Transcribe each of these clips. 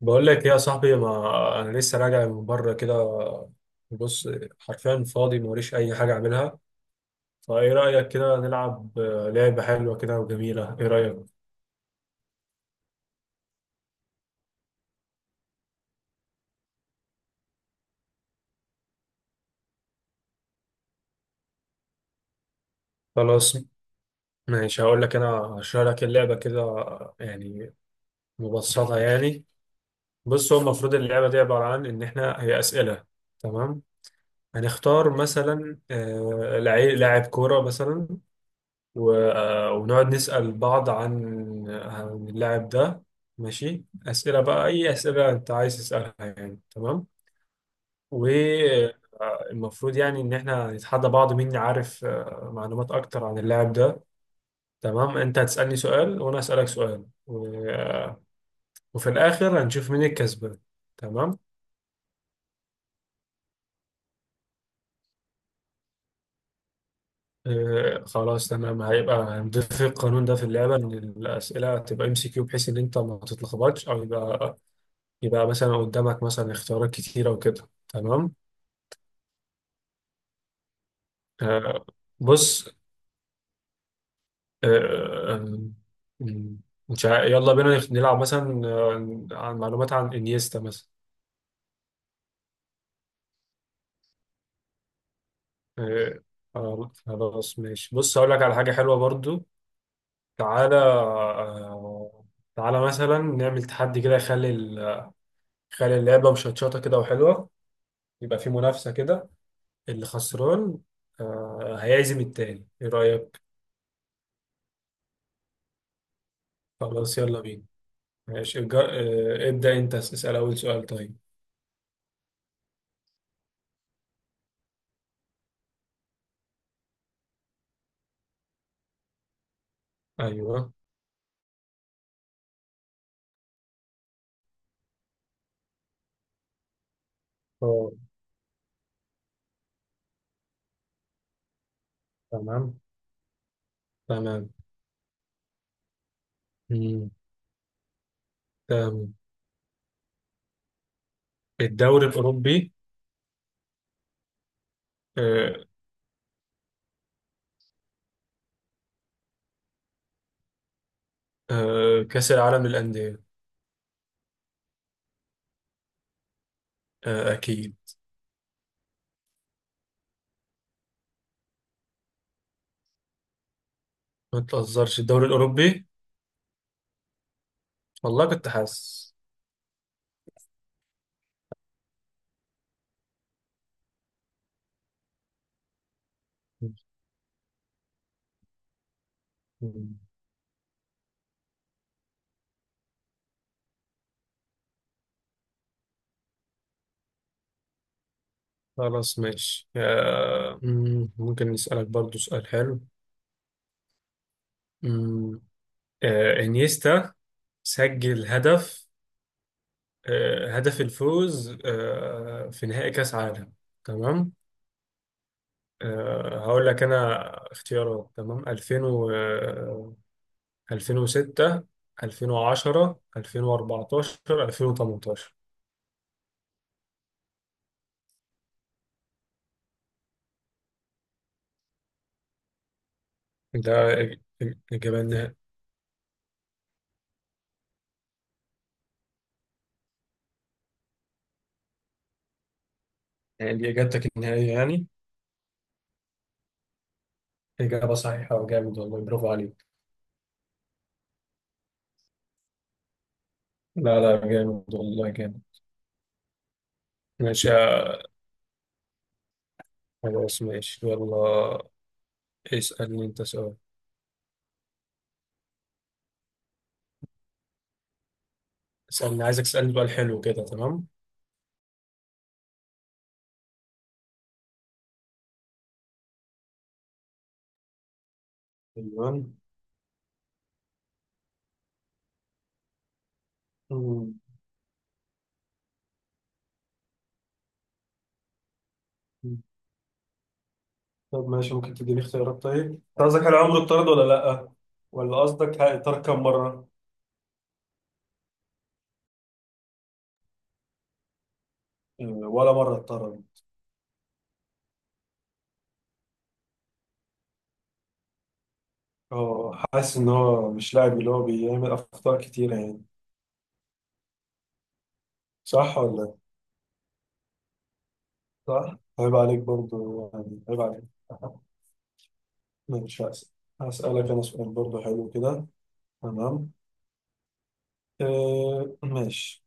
بقول لك إيه يا صاحبي، ما انا لسه راجع من بره كده. بص، حرفيا فاضي موريش اي حاجه اعملها. فايه رايك كده نلعب لعبه حلوه كده وجميله؟ ايه رايك؟ خلاص، ماشي، هقول لك انا، هشرح لك اللعبه كده، يعني مبسطه يعني. بص، هو المفروض اللعبه دي عباره عن ان احنا هي اسئله. تمام. هنختار مثلا لاعب كوره مثلا، ونقعد نسأل بعض عن اللاعب ده. ماشي، أسئلة بقى، أي أسئلة أنت عايز تسألها يعني، تمام. والمفروض يعني إن إحنا نتحدى بعض مين يعرف معلومات أكتر عن اللاعب ده. تمام، أنت هتسألني سؤال وأنا أسألك سؤال وفي الآخر هنشوف مين الكسبان. تمام. خلاص، تمام، هيبقى هنضيف القانون ده في اللعبة إن الأسئلة تبقى ام سي كيو، بحيث إن أنت ما تتلخبطش، أو يبقى مثلا قدامك مثلا اختيارات كتيرة وكده، تمام. آه بص. آه آه، مش عا- يلا بينا نلعب مثلا عن معلومات عن انيستا مثلا. آه خلاص، ماشي، بص، هقول لك على حاجة حلوة برضو. تعالى، تعالى مثلا نعمل تحدي كده يخلي يخلي اللعبة مشطشطة كده وحلوة، يبقى في منافسة كده، اللي خسران هيعزم التاني. ايه رأيك؟ خلاص، يلا بينا. ماشي، جا... آه، ابدأ أنت، اسأل أول سؤال طيب. أيوه. أه. تمام. تمام. مم. تمام. الدوري الأوروبي. آه، كأس العالم للأندية. أكيد. ما تهزرش. الدوري الأوروبي. والله كنت حاسس. مم. خلاص، ماشي، ممكن نسألك برضو سؤال حلو. مم. إنيستا سجل هدف، هدف الفوز في نهائي كأس عالم، تمام. هقول لك انا اختيارات. تمام، 2000 و 2006، 2010، 2014، 2018. ده الإج- الإجابة النهائية؟ يعني دي إجابتك النهائية يعني؟ إجابة صحيحة وجامد، والله برافو عليك. لا، لا، جامد والله، جامد. ماشي، خلاص، ماشي، يلا، اسألني أنت سؤال. اسألني، عايزك تسألني سؤال حلو كده، تمام. تمام. طب ماشي، ممكن تديني اختيارات طيب أنت؟ قصدك هل عمره اتطرد ولا لأ؟ ولا قصدك اتطرد كم مرة؟ ولا مرة اتطرد. اه، حاسس ان هو مش لاعب اللي هو بيعمل اخطاء كتيرة يعني. صح ولا لأ؟ صح، عيب عليك برضو يعني، عيب عليك ماشي، هسألك انا سؤال برضو حلو كده، تمام. آه، ماشي.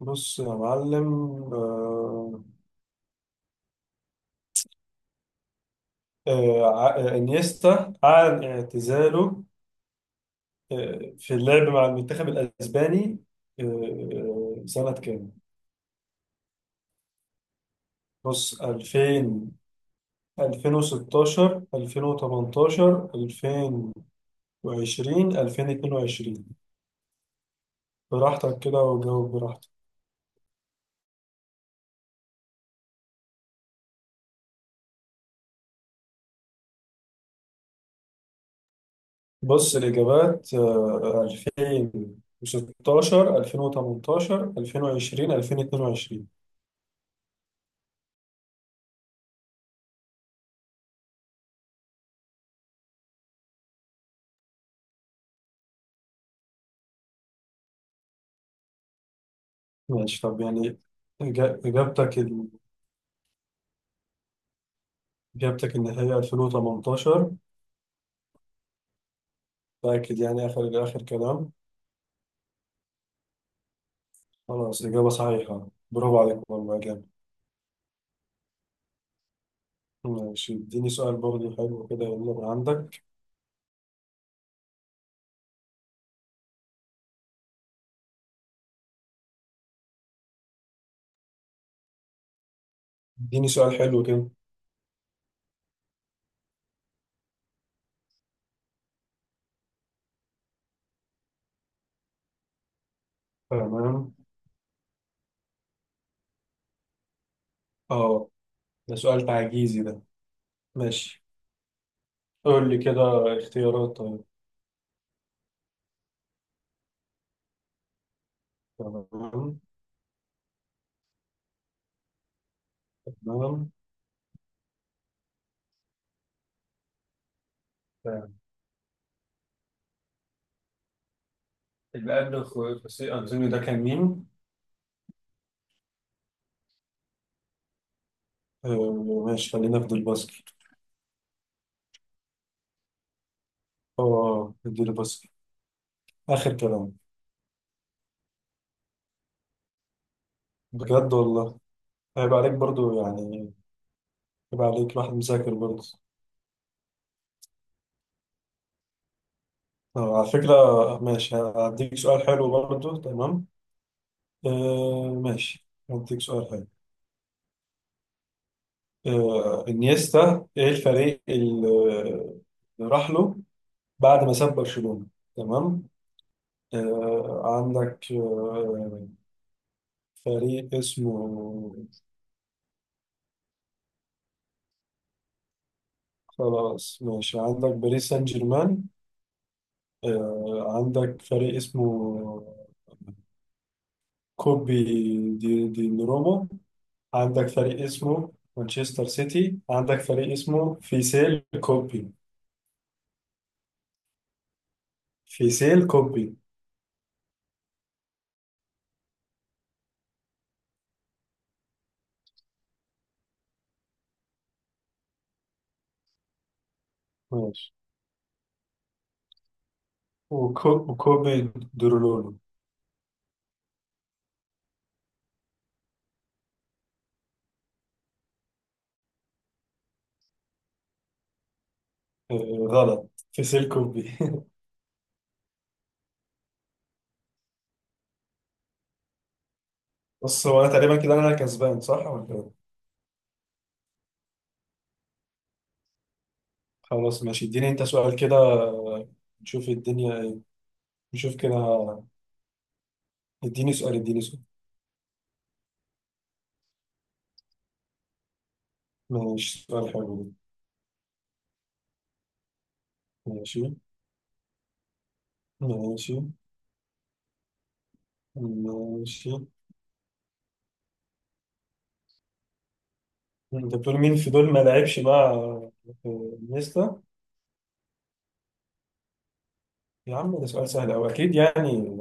بص يا معلم. آه انيستا اعلن اعتزاله في اللعب مع المنتخب الأسباني سنة كام؟ بص، 2000، 2016، 2018، 2020، 2022. براحتك كده وجاوب براحتك. بص، الإجابات 2016، 2018، 2020، 2022. ماشي، طب يعني إجا- إجابتك ال- إجابتك النهائية 2018؟ متأكد؟ يعني آخر آخر كلام. خلاص، إجابة صحيحة، برافو عليك والله، جامد. ماشي، اديني سؤال برضه حلو كده، يلا من عندك. اديني سؤال حلو كده. تمام. اه، ده سؤال تعجيزي ده. ماشي. قول لي كده اختيارات طيب. تمام. تمام. تمام. اللي قبل خوسيه أنطونيو ده كان مين؟ آه، ماشي، خلينا في الباسكت. اه، دي الباسكت، آخر كلام. بجد والله. هيبقى عليك برضه يعني، هيبقى عليك واحد مذاكر برضه. طب على فكرة، ماشي، هديك سؤال حلو برضو، تمام. آه، ماشي، هديك سؤال حلو. آه، انيستا ايه الفريق اللي راح له بعد ما ساب برشلونة؟ تمام. آه، عندك، آه، فريق اسمه، خلاص، ماشي، عندك باريس سان جيرمان. آه، عندك فريق اسمه كوبي دي روما. عندك فريق اسمه مانشستر سيتي. عندك فريق اسمه فيسيل كوبي. فيسيل كوبي. ماشي، وكوبي درولولو. غلط، فيسيل كوبي بص، هو انا تقريبا كده انا كسبان، صح ولا إيه؟ خلاص، ماشي، اديني انت سؤال كده، نشوف الدنيا ايه، نشوف كده. اديني سؤال، اديني سؤال. ماشي، سؤال حلو ده. ماشي. ماشي. ماشي. انت بتقول مين في دول ما لعبش مع؟ في انيستا. يا عم، ده سؤال سهل او اكيد يعني.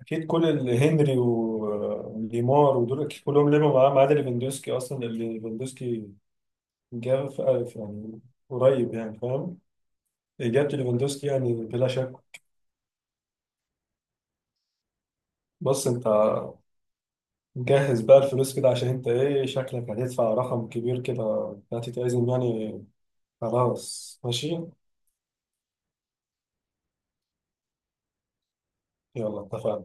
اكيد كل اللي هنري وليمار ودول أكيد كلهم لعبوا معاه ما عدا ليفاندوسكي، اصلا اللي ليفاندوسكي جاب في الف يعني، قريب يعني، فاهم. اجابه ليفاندوسكي يعني، بلا شك. بص انت، جهز بقى الفلوس كده عشان انت، ايه شكلك هتدفع رقم كبير كده، هتتعزم يعني. خلاص، ماشي، يلا اتفقنا.